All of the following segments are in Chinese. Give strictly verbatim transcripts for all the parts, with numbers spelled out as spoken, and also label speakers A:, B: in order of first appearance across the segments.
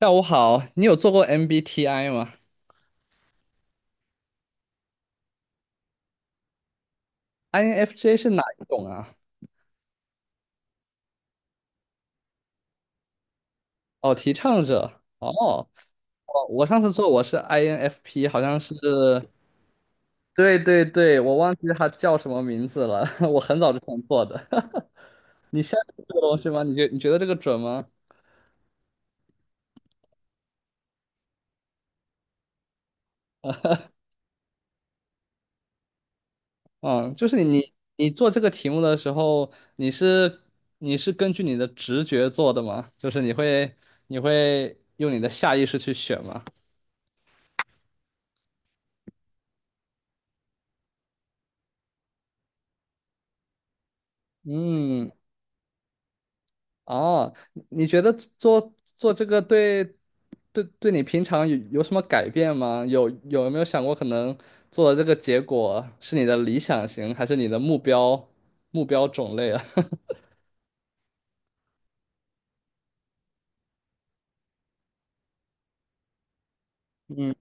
A: 下午好，你有做过 M B T I 吗？I N F J 是哪一种啊？哦，提倡者。哦，我我上次做我是 I N F P，好像是，对对对，我忘记它叫什么名字了。我很早之前做的。你现在做这个东西吗？你觉你觉得这个准吗？嗯，就是你你你做这个题目的时候，你是你是根据你的直觉做的吗？就是你会你会用你的下意识去选吗？嗯，哦，你觉得做做这个对对对你平常有有什么改变吗？有有没有想过可能做的这个结果是你的理想型，还是你的目标目标种类啊？嗯，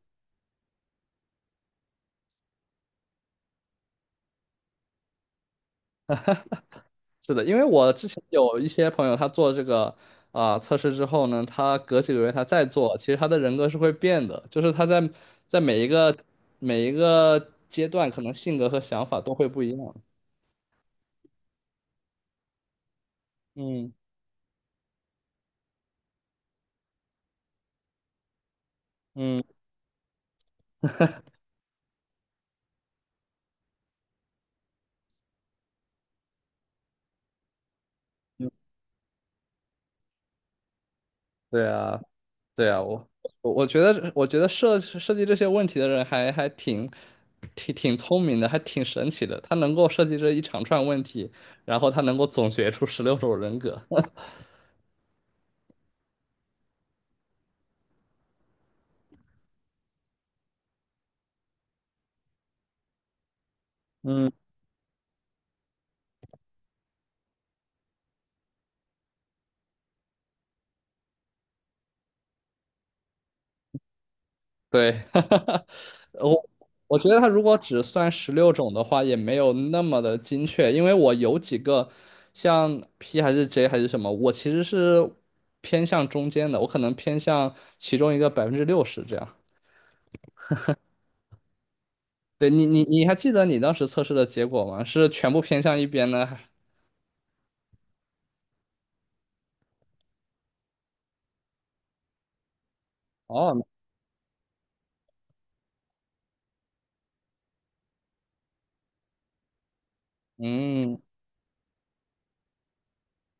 A: 是的，因为我之前有一些朋友，他做这个啊、测试之后呢，他隔几个月他再做，其实他的人格是会变的，就是他在在每一个每一个阶段，可能性格和想法都会不一样。嗯嗯。对啊，对啊，我我我觉得我觉得设设计这些问题的人还还挺挺挺聪明的，还挺神奇的。他能够设计这一长串问题，然后他能够总结出十六种人格。嗯，对，我我觉得他如果只算十六种的话，也没有那么的精确，因为我有几个像 P 还是 J 还是什么，我其实是偏向中间的，我可能偏向其中一个百分之六十这样。对你，你你还记得你当时测试的结果吗？是全部偏向一边呢？还哦，嗯，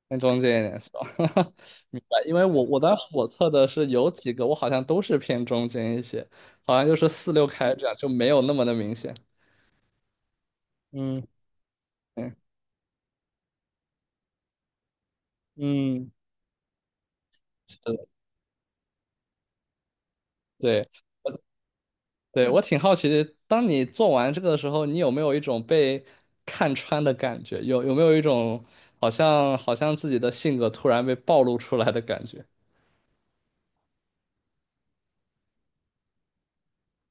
A: 偏中间一点是吧？明白，因为我我当时我测的是有几个，我好像都是偏中间一些，好像就是四六开这样，就没有那么的明显。嗯嗯嗯，是的，对，我对我挺好奇的，当你做完这个的时候，你有没有一种被看穿的感觉？有有没有一种好像好像自己的性格突然被暴露出来的感觉？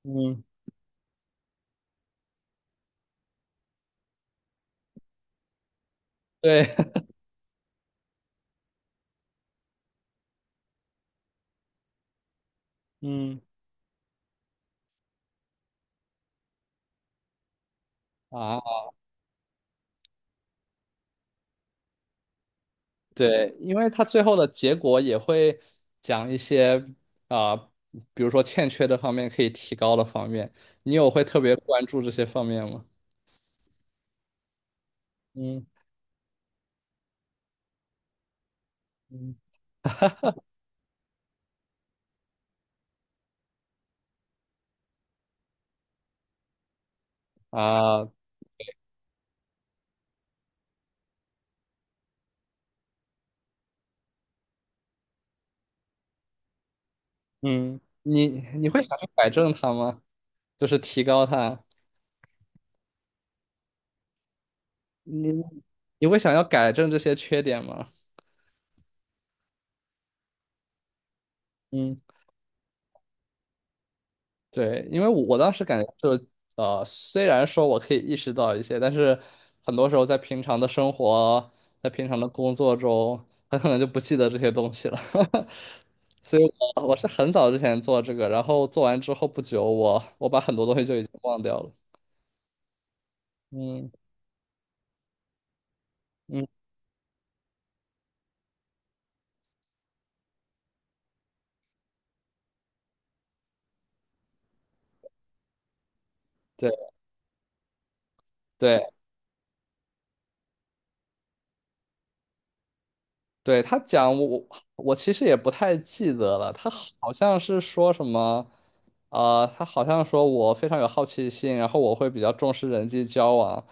A: 嗯。对，嗯，啊，对，因为它最后的结果也会讲一些啊、比如说欠缺的方面可以提高的方面，你有会特别关注这些方面吗？嗯嗯啊嗯，你你会想去改正它吗？就是提高它，你你会想要改正这些缺点吗？嗯。对，因为我我当时感觉就是呃，虽然说我可以意识到一些，但是很多时候在平常的生活，在平常的工作中，很可能就不记得这些东西了。所以我，我是很早之前做这个，然后做完之后不久我，我把很多东西就已经忘掉了。嗯嗯，对对。对，他讲我我我其实也不太记得了，他好像是说什么，呃，他好像说我非常有好奇心，然后我会比较重视人际交往，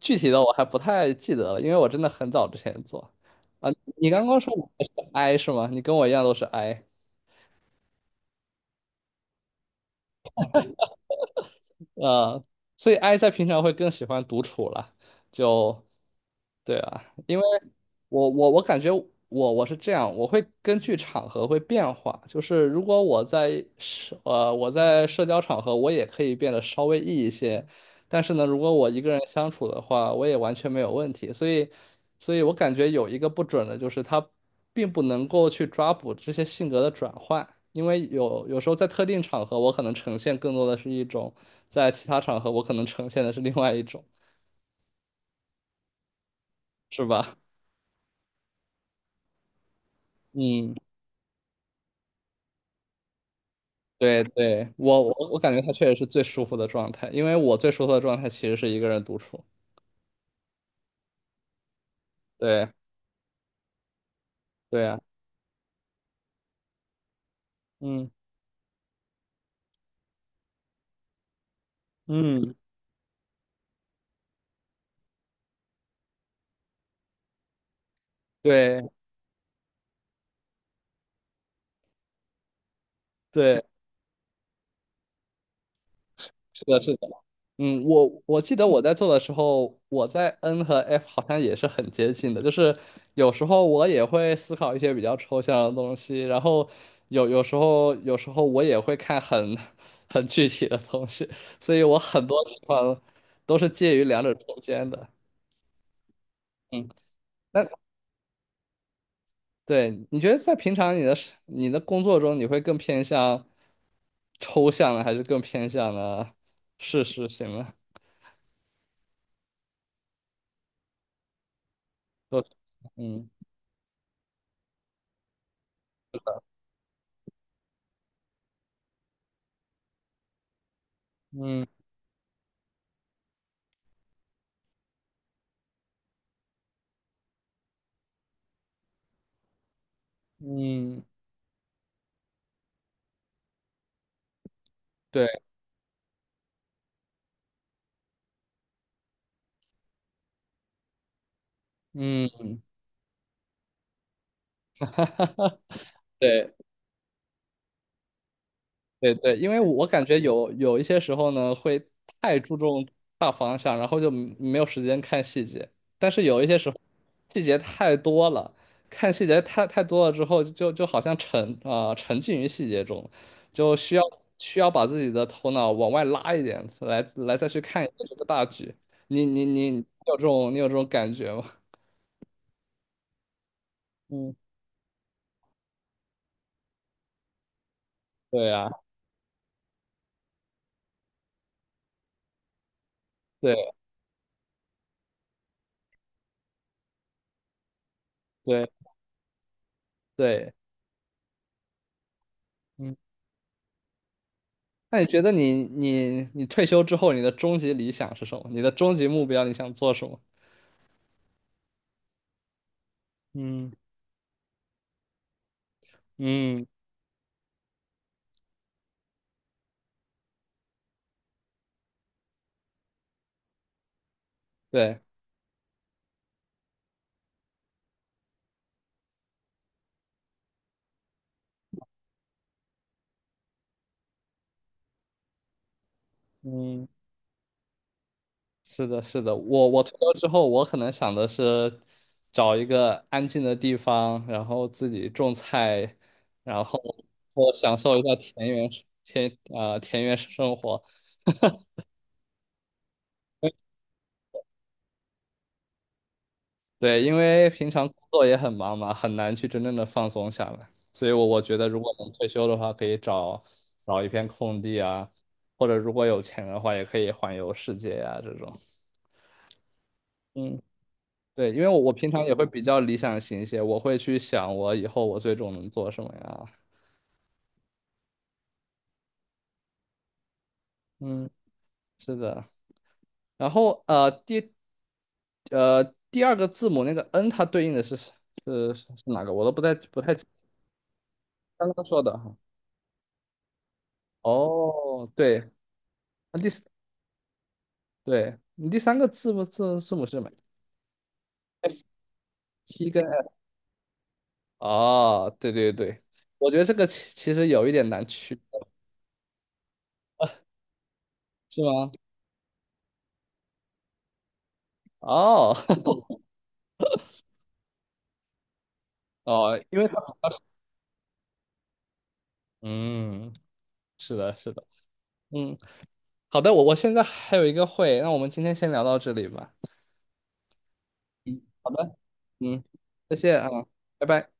A: 具体的我还不太记得了，因为我真的很早之前做。啊，你刚刚说我是 I 是吗？你跟我一样都是 I。呃，所以 I 在平常会更喜欢独处了，就对啊，因为我我我感觉我我是这样，我会根据场合会变化，就是如果我在社呃我在社交场合，我也可以变得稍微 E 一些，但是呢，如果我一个人相处的话，我也完全没有问题，所以所以我感觉有一个不准的就是它并不能够去抓捕这些性格的转换。因为有有时候在特定场合，我可能呈现更多的是一种。在其他场合我可能呈现的是另外一种，是吧？嗯，对对，我我我感觉他确实是最舒服的状态，因为我最舒服的状态其实是一个人独处。对对啊，嗯嗯，对对。是的，是的。嗯，我我记得我在做的时候，我在 N 和 F 好像也是很接近的，就是有时候我也会思考一些比较抽象的东西，然后有有时候有时候我也会看很 很具体的东西，所以我很多情况都是介于两者中间的。嗯，那对，你觉得在平常你的是你的工作中，你会更偏向抽象的，还是更偏向的事实型呢？都，嗯。嗯嗯，对，嗯，哈哈哈，对对对，因为我感觉有有一些时候呢，会太注重大方向，然后就没没有时间看细节。但是有一些时候，细节太多了，看细节太太多了之后，就就好像沉啊、沉浸于细节中，就需要需要把自己的头脑往外拉一点，来来再去看一下这个大局。你你你你有这种你有这种感觉吗？嗯，对呀，对对对。嗯。那你觉得你你你退休之后，你的终极理想是什么？你的终极目标，你想做什么？嗯嗯对，嗯，是的，是的，我我退休之后，我可能想的是找一个安静的地方，然后自己种菜，然后我享受一下田园田啊、呃、田园生活。对，因为平常工作也很忙嘛，很难去真正的放松下来。所以我，我觉得如果能退休的话，可以找找一片空地啊，或者如果有钱的话，也可以环游世界呀、这种。嗯，对，因为我我平常也会比较理想型一些，我会去想我以后我最终能做什么呀。嗯，是的。然后呃，第呃第二个字母那个 N，它对应的是是是哪个？我都不太不太刚刚说的哈。哦，对，那第对你第三个字母字字母是什么？F 七跟 F 哦，对对对，我觉得这个其其实有一点难区，是吗？哦 哦，因为它嗯，是的，是的，嗯，好的，我我现在还有一个会，那我们今天先聊到这里吧。嗯，好的，嗯，再见啊，拜拜。